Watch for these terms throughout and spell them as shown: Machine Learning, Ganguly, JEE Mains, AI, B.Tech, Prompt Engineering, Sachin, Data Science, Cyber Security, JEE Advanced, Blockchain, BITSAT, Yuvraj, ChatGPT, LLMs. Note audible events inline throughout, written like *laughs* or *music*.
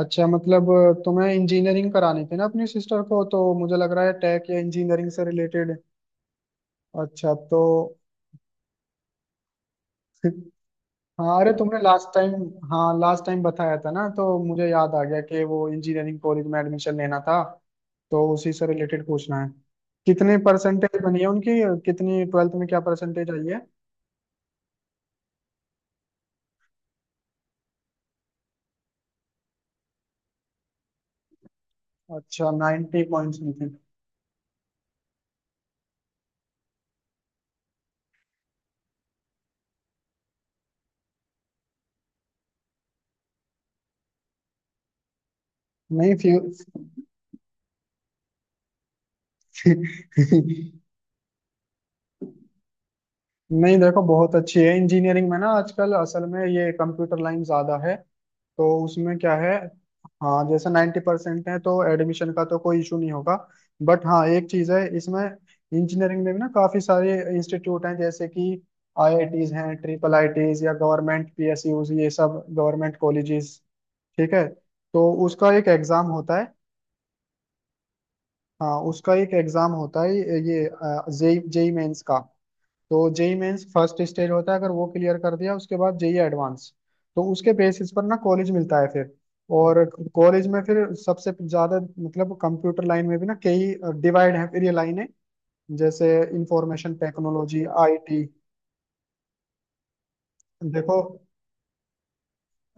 अच्छा, मतलब तुम्हें इंजीनियरिंग करानी थी ना अपनी सिस्टर को, तो मुझे लग रहा है टेक या इंजीनियरिंग से रिलेटेड। अच्छा तो *laughs* हाँ। अरे तुमने लास्ट टाइम हाँ, लास्ट टाइम बताया था ना, तो मुझे याद आ गया कि वो इंजीनियरिंग कॉलेज में एडमिशन लेना था। तो उसी से रिलेटेड पूछना है। कितने परसेंटेज बनी है उनकी? कितनी ट्वेल्थ में क्या परसेंटेज आई है? अच्छा, 90 पॉइंट्स में थी। नहीं फ्यू *laughs* नहीं, देखो बहुत अच्छी है इंजीनियरिंग में ना। आजकल असल में ये कंप्यूटर लाइन ज्यादा है। तो उसमें क्या है। हाँ, जैसे नाइन्टी परसेंट है तो एडमिशन का तो कोई इशू नहीं होगा। बट हाँ एक चीज़ है इसमें। इंजीनियरिंग में भी ना काफ़ी सारे इंस्टीट्यूट हैं जैसे कि आईआईटीज हैं, ट्रिपल आईटीज या गवर्नमेंट पीएसयूज, ये सब गवर्नमेंट कॉलेजेस। ठीक है। तो उसका एक एग्ज़ाम होता है। हाँ, उसका एक एग्ज़ाम होता है। ये जेई जेई मेंस का। तो जेई मेंस फर्स्ट स्टेज होता है, अगर वो क्लियर कर दिया उसके बाद जेई एडवांस। तो उसके बेसिस पर ना कॉलेज मिलता है फिर। और कॉलेज में फिर सबसे ज्यादा मतलब कंप्यूटर लाइन में भी ना कई डिवाइड है फिर ये लाइनें, जैसे इंफॉर्मेशन टेक्नोलॉजी, आईटी। देखो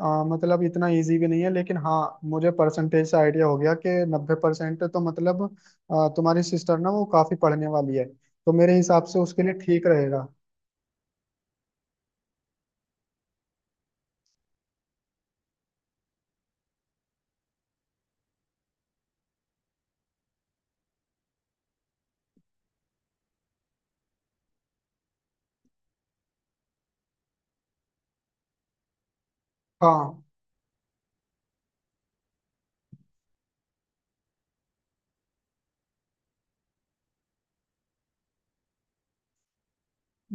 मतलब इतना इजी भी नहीं है, लेकिन हाँ मुझे परसेंटेज से आइडिया हो गया कि नब्बे परसेंट तो मतलब तुम्हारी सिस्टर ना वो काफी पढ़ने वाली है, तो मेरे हिसाब से उसके लिए ठीक रहेगा। हाँ।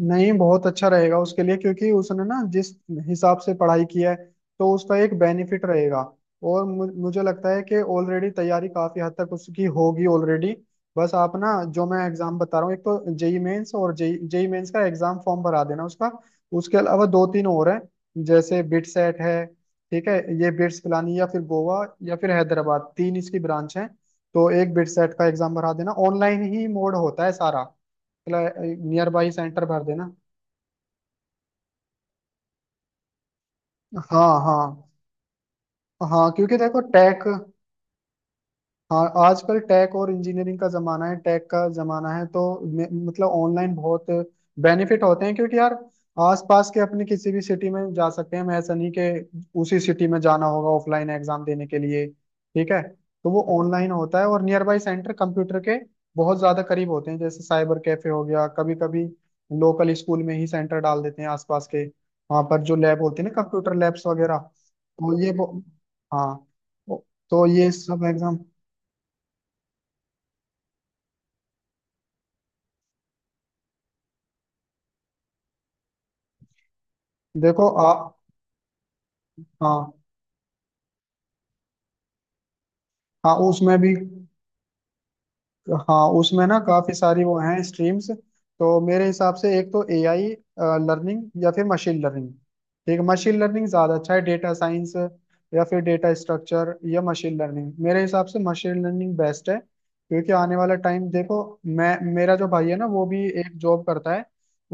नहीं, बहुत अच्छा रहेगा उसके लिए, क्योंकि उसने ना जिस हिसाब से पढ़ाई की है तो उसका एक बेनिफिट रहेगा। और मुझे लगता है कि ऑलरेडी तैयारी काफी हद तक उसकी होगी ऑलरेडी। बस आप ना जो मैं एग्जाम बता रहा हूँ, एक तो जेई मेंस, और जेई जेई मेंस का एग्जाम फॉर्म भरा देना उसका। उसके अलावा दो तीन और हैं, जैसे बिट सेट है। ठीक है, ये बिट्स पिलानी या फिर गोवा या फिर हैदराबाद, तीन इसकी ब्रांच है। तो एक बिट सेट का एग्जाम भरा देना, ऑनलाइन ही मोड होता है सारा, नियर बाई सेंटर भर देना। हाँ हाँ हाँ, क्योंकि देखो टेक, हाँ आजकल टेक और इंजीनियरिंग का जमाना है, टेक का जमाना है। तो मतलब ऑनलाइन बहुत बेनिफिट होते हैं, क्योंकि यार आसपास के अपने किसी भी सिटी में जा सकते हैं हम, ऐसा नहीं कि उसी सिटी में जाना होगा ऑफलाइन एग्जाम देने के लिए। ठीक है। तो वो ऑनलाइन होता है, और नियर बाई सेंटर कंप्यूटर के बहुत ज्यादा करीब होते हैं, जैसे साइबर कैफे हो गया, कभी कभी लोकल स्कूल में ही सेंटर डाल देते हैं आसपास के, वहां पर जो लैब होती है ना, कंप्यूटर लैब्स वगैरह, तो ये हाँ, तो ये सब एग्जाम। देखो आ हाँ। हाँ, उसमें भी। हाँ, उसमें ना काफी सारी वो हैं स्ट्रीम्स, तो मेरे हिसाब से एक तो एआई लर्निंग या फिर मशीन लर्निंग। ठीक, मशीन लर्निंग ज्यादा अच्छा है, डेटा साइंस या फिर डेटा स्ट्रक्चर या मशीन लर्निंग, मेरे हिसाब से मशीन लर्निंग बेस्ट है। क्योंकि आने वाला टाइम देखो, मैं, मेरा जो भाई है ना वो भी एक जॉब करता है,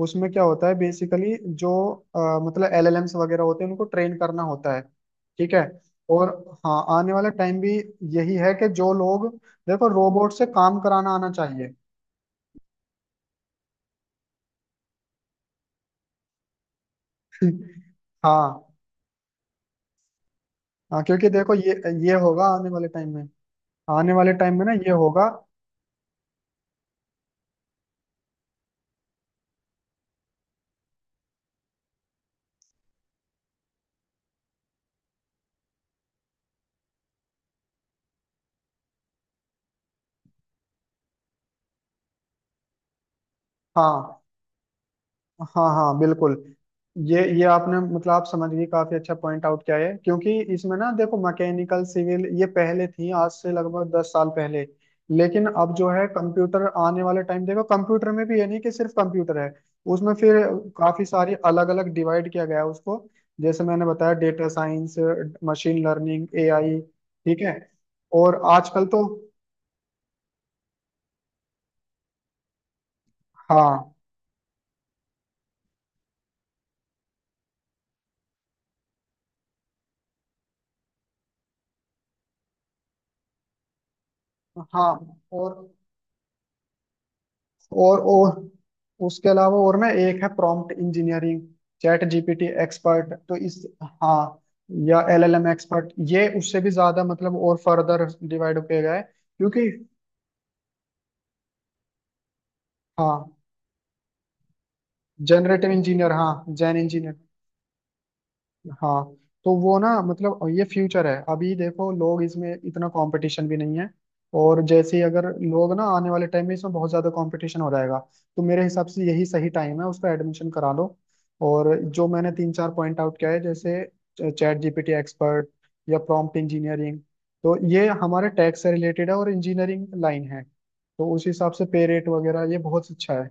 उसमें क्या होता है बेसिकली जो मतलब एलएलएम्स वगैरह होते हैं उनको ट्रेन करना होता है। ठीक है। और हाँ, आने वाला टाइम भी यही है कि जो लोग, देखो, रोबोट से काम कराना आना चाहिए। *laughs* हाँ हाँ, क्योंकि देखो ये होगा आने वाले टाइम में। आने वाले टाइम में ना ये होगा। हाँ हाँ हाँ, बिल्कुल। ये आपने मतलब आप समझ गए, काफी अच्छा पॉइंट आउट किया है, क्योंकि इसमें ना देखो, मैकेनिकल, सिविल, ये पहले थी, आज से लगभग 10 साल पहले। लेकिन अब जो है कंप्यूटर, आने वाले टाइम देखो, कंप्यूटर में भी ये नहीं कि सिर्फ कंप्यूटर है, उसमें फिर काफी सारी अलग अलग डिवाइड किया गया है उसको, जैसे मैंने बताया data science, machine learning, AI. ठीक है। और आजकल तो, हाँ हाँ, और और उसके अलावा और ना एक है prompt engineering, ChatGPT expert, तो इस हाँ, या एलएलएम एक्सपर्ट, ये उससे भी ज्यादा मतलब और फर्दर डिवाइड किया गया है, क्योंकि हाँ जनरेटिव इंजीनियर, हाँ जैन इंजीनियर, हाँ। तो वो ना मतलब ये फ्यूचर है, अभी देखो लोग, इसमें इतना कंपटीशन भी नहीं है, और जैसे ही अगर लोग ना आने वाले टाइम में इसमें बहुत ज्यादा कंपटीशन हो जाएगा। तो मेरे हिसाब से यही सही टाइम है, उसका एडमिशन करा लो। और जो मैंने तीन चार पॉइंट आउट किया है, जैसे चैट जीपीटी एक्सपर्ट या प्रॉम्प्ट इंजीनियरिंग, तो ये हमारे टैक्स से रिलेटेड है और इंजीनियरिंग लाइन है, तो उस हिसाब से पे रेट वगैरह ये बहुत अच्छा है।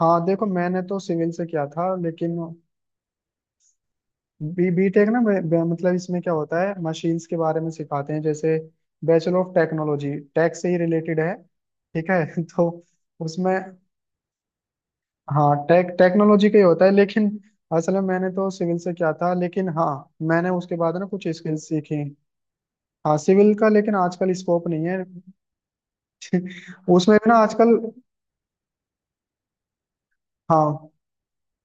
हाँ देखो, मैंने तो सिविल से किया था, लेकिन बी बीटेक ना मतलब इसमें क्या होता है मशीन्स के बारे में सिखाते हैं, जैसे बैचलर ऑफ टेक्नोलॉजी, टेक से ही रिलेटेड है। ठीक है। *laughs* तो उसमें हाँ टेक, टेक्नोलॉजी का ही होता है, लेकिन असल में मैंने तो सिविल से किया था, लेकिन हाँ मैंने उसके बाद ना कुछ स्किल्स सीखी। हाँ सिविल का, लेकिन आजकल स्कोप नहीं है। *laughs* उसमें भी ना आजकल, हाँ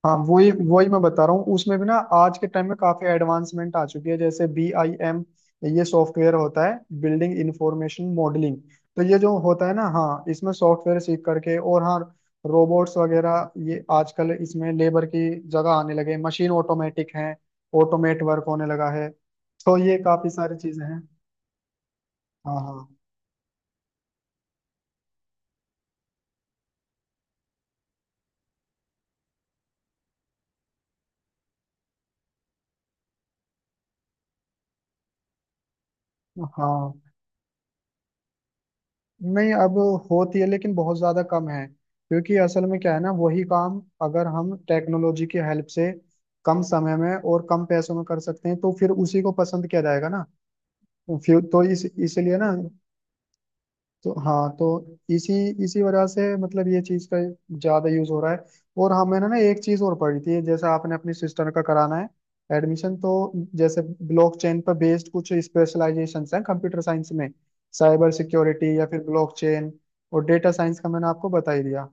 हाँ, वही वही मैं बता रहा हूँ, उसमें भी ना आज के टाइम में काफी एडवांसमेंट आ चुकी है, जैसे बी आई एम, ये सॉफ्टवेयर होता है, बिल्डिंग इंफॉर्मेशन मॉडलिंग। तो ये जो होता है ना, हाँ, इसमें सॉफ्टवेयर सीख करके, और हाँ रोबोट्स वगैरह ये आजकल इसमें लेबर की जगह आने लगे, मशीन ऑटोमेटिक हैं, ऑटोमेट वर्क होने लगा है, तो ये काफी सारी चीजें हैं। हाँ हाँ हाँ। नहीं अब होती है, लेकिन बहुत ज्यादा कम है, क्योंकि असल में क्या है ना, वही काम अगर हम टेक्नोलॉजी की हेल्प से कम समय में और कम पैसों में कर सकते हैं तो फिर उसी को पसंद किया जाएगा ना। तो फिर तो इस इसलिए ना। तो हाँ तो इसी इसी वजह से मतलब ये चीज का ज्यादा यूज हो रहा है। और हमें ना ना एक चीज और पड़ी थी, जैसे आपने अपनी सिस्टर का कराना है एडमिशन, तो जैसे ब्लॉकचेन पर बेस्ड कुछ स्पेशलाइजेशंस हैं कंप्यूटर साइंस में, साइबर सिक्योरिटी या फिर ब्लॉकचेन, और डेटा साइंस का मैंने आपको बता ही दिया।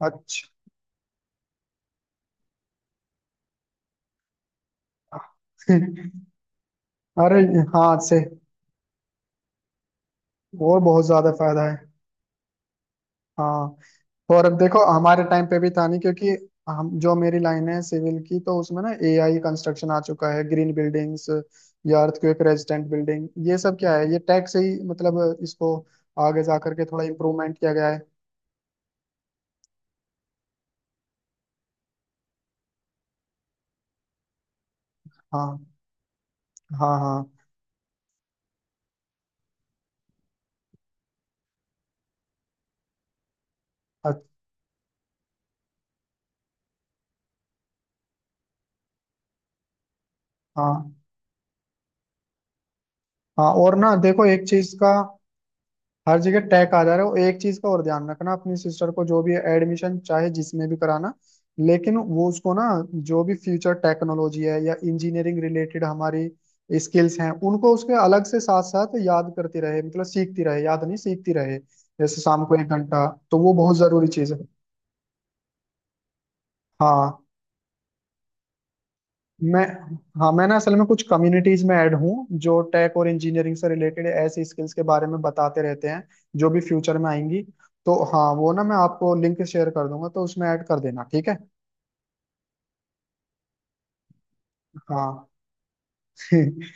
अच्छा। *laughs* अरे, हाँ से, और बहुत ज्यादा फायदा है। हाँ। और अब देखो, हमारे टाइम पे भी था नहीं, क्योंकि हम, जो मेरी लाइन है सिविल की, तो उसमें ना एआई कंस्ट्रक्शन आ चुका है, ग्रीन बिल्डिंग्स या अर्थक्वेक रेजिस्टेंट बिल्डिंग, ये सब क्या है, ये टेक से ही मतलब इसको आगे जा करके थोड़ा इम्प्रूवमेंट किया गया है। हाँ हाँ हाँ। अच्छा, हाँ हाँ। और ना देखो एक चीज का, हर जगह टैग आ जा रहा है। और एक चीज का और ध्यान रखना, अपनी सिस्टर को जो भी एडमिशन चाहे जिसमें भी कराना, लेकिन वो उसको ना, जो भी फ्यूचर टेक्नोलॉजी है या इंजीनियरिंग रिलेटेड हमारी स्किल्स हैं उनको उसके अलग से साथ साथ याद करती रहे, मतलब सीखती रहे, याद नहीं, सीखती रहे। जैसे शाम को 1 घंटा, तो वो बहुत जरूरी चीज है। हाँ। मैं हाँ, मैं ना असल में कुछ कम्युनिटीज में ऐड हूँ जो टेक और इंजीनियरिंग से रिलेटेड ऐसी स्किल्स के बारे में बताते रहते हैं, जो भी फ्यूचर में आएंगी। तो हाँ वो ना, मैं आपको लिंक शेयर कर दूंगा, तो उसमें ऐड कर देना, ठीक है। हाँ। *laughs*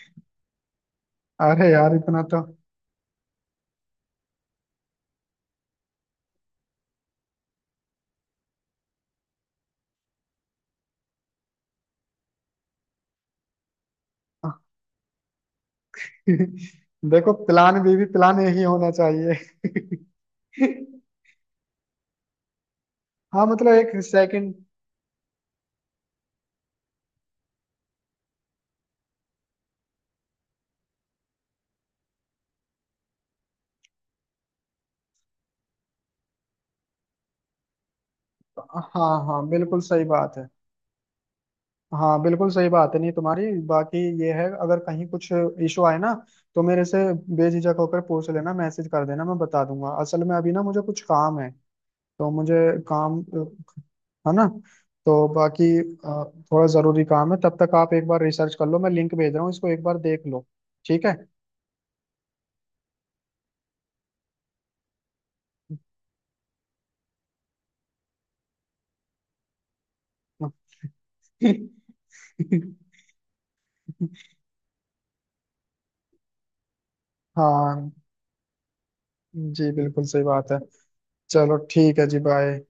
अरे यार, इतना तो *laughs* देखो, प्लान बी भी प्लान ए ही होना चाहिए। *laughs* हाँ मतलब एक सेकंड। हाँ हाँ, बिल्कुल सही बात है। हाँ बिल्कुल सही बात है। नहीं, तुम्हारी बाकी ये है, अगर कहीं कुछ इशू आए ना, तो मेरे से बेझिझक होकर पूछ लेना, मैसेज कर देना, मैं बता दूंगा। असल में अभी ना मुझे कुछ काम है, तो मुझे काम है ना, तो बाकी थोड़ा जरूरी काम है, तब तक आप एक बार रिसर्च कर लो, मैं लिंक भेज रहा हूँ, इसको एक बार देख लो, ठीक है। *laughs* हाँ जी, बिल्कुल सही बात है। चलो ठीक है जी, बाय।